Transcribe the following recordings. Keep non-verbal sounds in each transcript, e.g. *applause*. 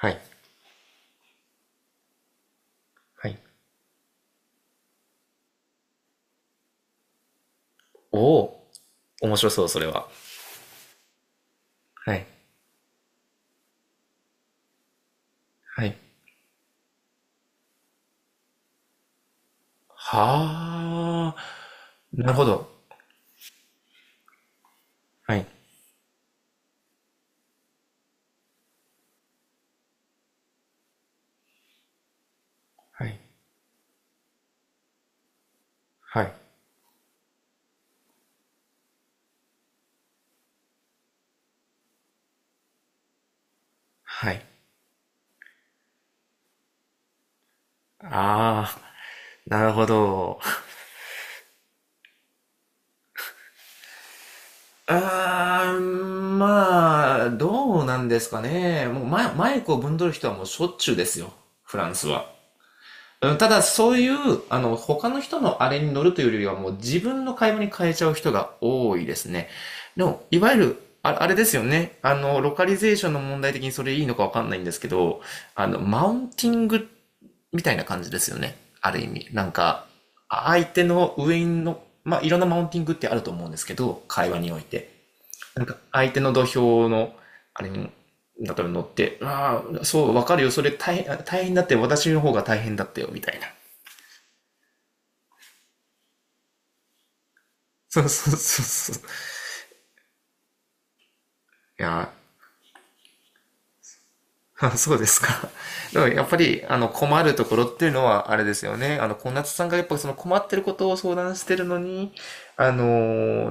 はい。はい。おお、面白そう、それは。はい。はい。はあ、なるほど。はい。はい。はい。はい。ああ、なるほど。ああ、まあ、どうなんですかね。もうマイクをぶんどる人はもうしょっちゅうですよ。フランスは。うん、ただ、そういう、他の人のあれに乗るというよりは、もう自分の買い物に変えちゃう人が多いですね。でも、いわゆる、あ、あれですよね。あの、ロカリゼーションの問題的にそれいいのかわかんないんですけど、あの、マウンティングみたいな感じですよね。ある意味。なんか、相手の上の、まあ、いろんなマウンティングってあると思うんですけど、会話において。なんか、相手の土俵の、あれに、だから乗って、ああ、そう、わかるよ。それ大変、大変だって、私の方が大変だったよ、みたいな。そうそうそうそう。いや、*laughs* そうですか。*laughs* でもやっぱり、あの、困るところっていうのは、あれですよね。あの、小夏さんがやっぱその困ってることを相談してるのに、あの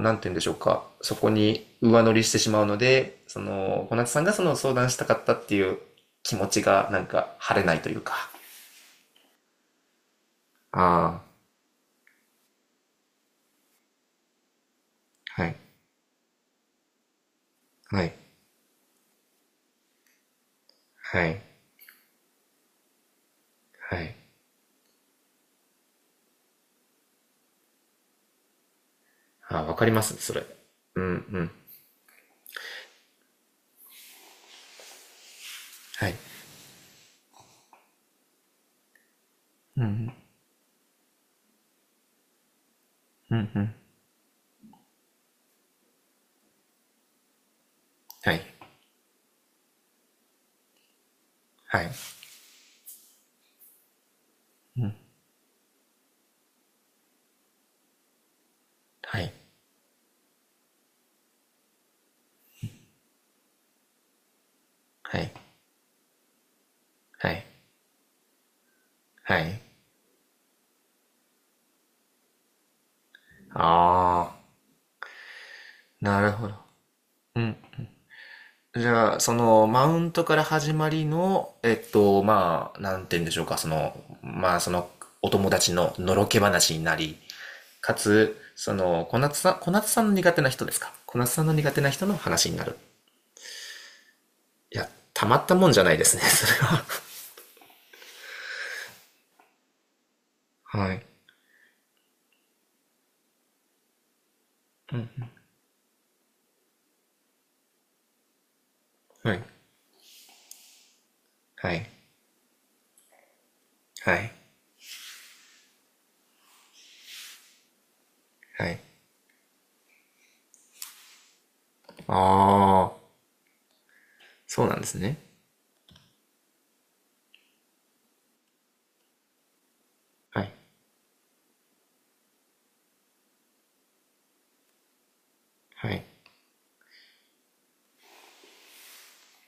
なんて言うんでしょうか。そこに上乗りしてしまうので、その、小夏さんがその相談したかったっていう気持ちが、なんか、晴れないというか。ああ、はい、はい、はい、はい。ああ、わかります、それ。うん、うん。はい、はい、はい、はい、はい、はい、はい。ああ、なるほど。うん。じゃあ、その、マウントから始まりの、えっと、まあ、なんて言うんでしょうか、その、まあ、その、お友達ののろけ話になり、かつ、その、小夏さんの苦手な人ですか、小夏さんの苦手な人の話になる。いや、たまったもんじゃないですね、*laughs* それは。*laughs* はい。はい。はい。はい。はい。ああ、そうなんですね。はい。はい。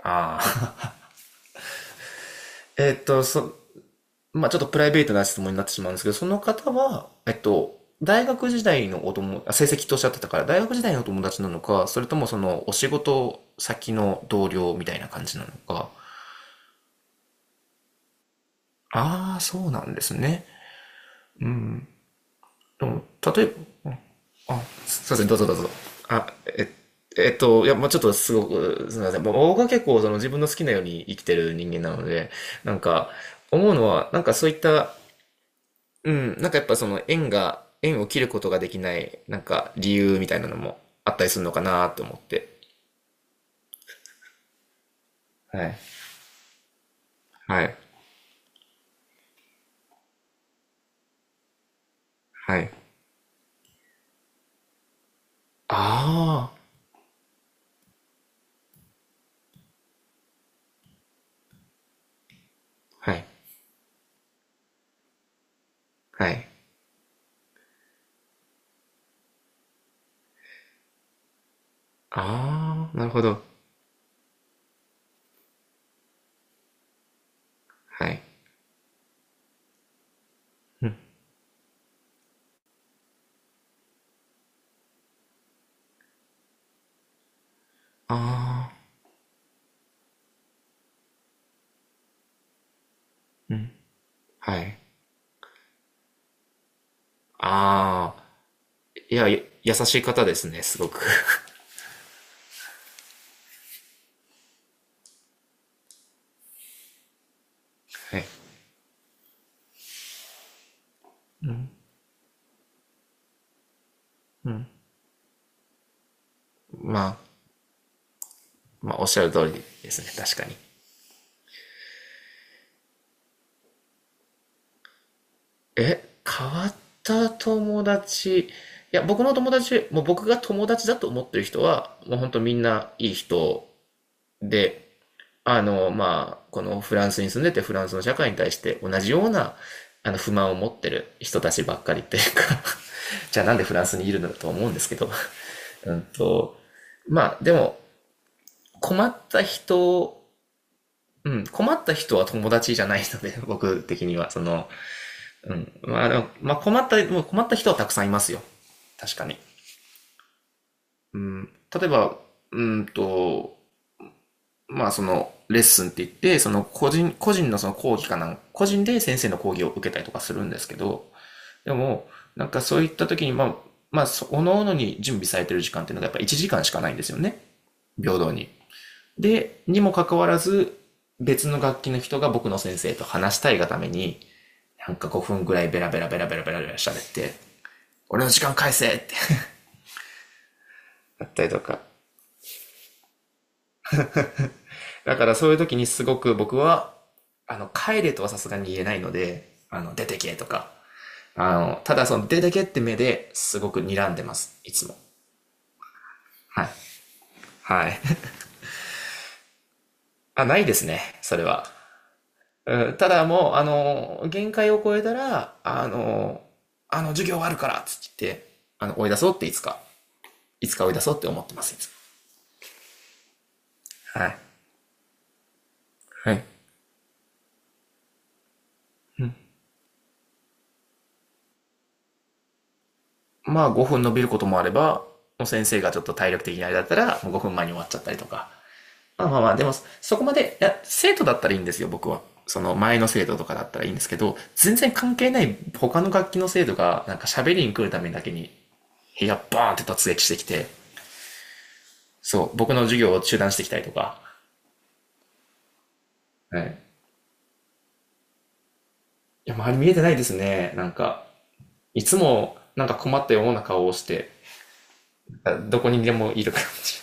ああ。*laughs* えっと、そ、まあちょっとプライベートな質問になってしまうんですけど、その方は、えっと、大学時代のお友、あ、成績とおっしゃってたから、大学時代のお友達なのか、それともそのお仕事先の同僚みたいな感じなのか。ああ、そうなんですね。うん。でも、例えば、あ、いません、どうぞどうぞ。あ、え、いや、まあちょっとすごく、すみません。まあ僕は結構その自分の好きなように生きてる人間なので、なんか、思うのは、なんかそういったうん、なんかやっぱ縁を切ることができない、なんか理由みたいなのもあったりするのかなと思って。はい。はい。はい。ああ。はい。はい。ああ、なるほど。はい。ああ。はい。ああ。いや、優しい方ですね、すごく。*laughs* はい。*laughs* まあ、まあ、おっしゃる通りですね、確かに。え、変わった友達。いや、僕の友達、もう僕が友達だと思ってる人は、もう本当みんないい人で、あの、まあ、このフランスに住んでてフランスの社会に対して同じようなあの不満を持ってる人たちばっかりっていうか *laughs* じゃあなんでフランスにいるのだと思うんですけど *laughs* うんと *laughs*、まあでも困った人、うん、困った人は友達じゃないので、*laughs* 僕的には、その、うん、まあでも、まあ困った、もう困った人はたくさんいますよ。確かに。うん、例えば、うんと、まあそのレッスンって言って、個人で先生の講義を受けたりとかするんですけど、でも、なんかそういった時に、まあ、そおのおのに準備されてる時間っていうのがやっぱ1時間しかないんですよね。平等に。で、にもかかわらず、別の楽器の人が僕の先生と話したいがために、なんか5分ぐらいベラベラベラベラベラベラ喋って、俺の時間返せって *laughs* やったりとか、だからそういう時にすごく僕は、あの、帰れとはさすがに言えないので、あの、出てけとか、あの、ただその出てけって目ですごく睨んでます、いつも。はい。はい。*laughs* あ、ないですね、それは。うん、ただもう、あの、限界を超えたら、あの、授業終わるからっつって、あの、追い出そうっていつか、いつか追い出そうって思ってます、いつも。はい。はい。まあ5分伸びることもあれば、もう先生がちょっと体力的にあれだったら、もう5分前に終わっちゃったりとか、でも、そこまで、いや、生徒だったらいいんですよ、僕は。その前の生徒とかだったらいいんですけど、全然関係ない他の楽器の生徒が、なんか喋りに来るためだけに、部屋バーンって突撃してきて、そう、僕の授業を中断してきたりとか。はい。いや、周り見えてないですね。なんか、いつも、なんか困ったような顔をして、どこにでもいる感じ。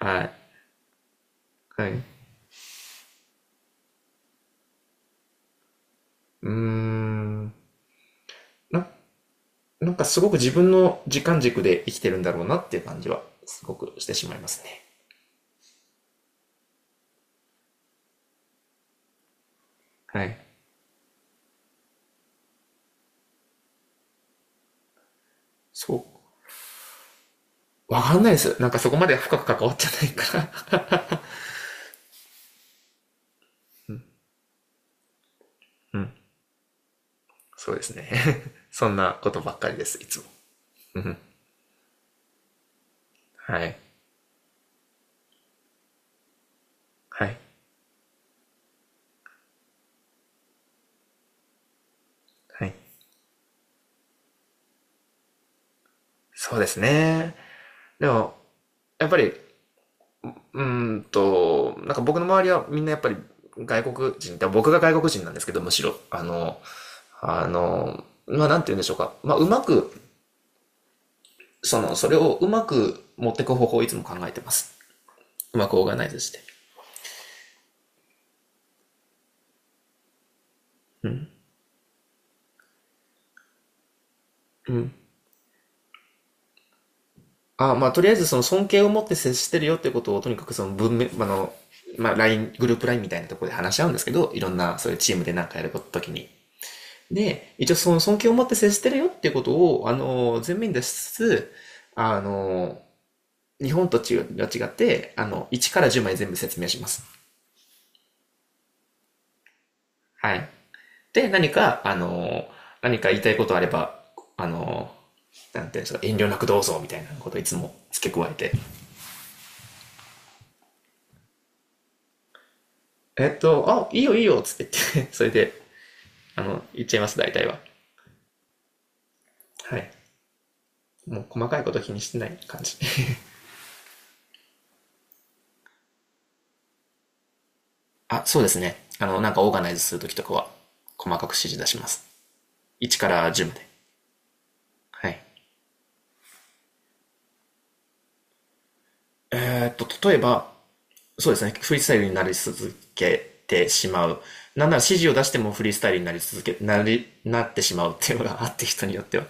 *laughs* はい。はい。うーん。な、なんかすごく自分の時間軸で生きてるんだろうなっていう感じは、すごくしてしまいますね。はい。そう。わかんないです。なんかそこまで深く関わってないから *laughs* うん。そうですね。*laughs* そんなことばっかりです、いつも。うん。はい。はい。はい。そうですね。でも、やっぱり、うーんと、なんか僕の周りはみんなやっぱり外国人、で僕が外国人なんですけど、むしろ、あの、まあ、なんて言うんでしょうか。まあ、うまく、その、それをうまく持っていく方法をいつも考えてます。うまくオーガナイズして。うん。うん。あ、まあ、とりあえずその尊敬を持って接してるよってことを、とにかくその文面、あの、まあ、ライングループラインみたいなところで話し合うんですけど、いろんな、そういうチームでなんかやるときに。で、一応その尊敬を持って接してるよっていうことを、あの、前面に出しつつ、あの、日本と違って、あの、1から10まで全部説明します。はい。で、何か、あの、何か言いたいことあれば、あの、なんていうんですか、遠慮なくどうぞみたいなことをいつも付け加えて、えっと、あ、いいよいいよっつって言って、*laughs* それで、あの、言っちゃいます、大体は。はい。もう細かいこと気にしてない感じ。*laughs* あ、そうですね。あの、なんかオーガナイズするときとかは、細かく指示出します。1から10まで。はい。えーっと、例えば、そうですね。フリースタイルになり続けてしまう。なんなら指示を出してもフリースタイルになり続け、なってしまうっていうのがあって人によっては。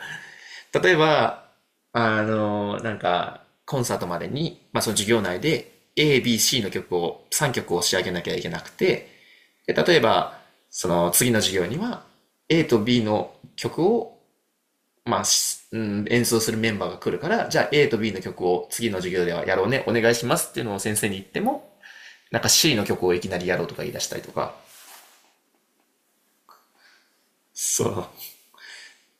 例えば、あの、なんか、コンサートまでに、まあその授業内で A、B、C の曲を、3曲を仕上げなきゃいけなくて、で例えば、その次の授業には A と B の曲を、まあ、うん、演奏するメンバーが来るから、じゃあ A と B の曲を次の授業ではやろうね、お願いしますっていうのを先生に言っても、なんか C の曲をいきなりやろうとか言い出したりとか、そう。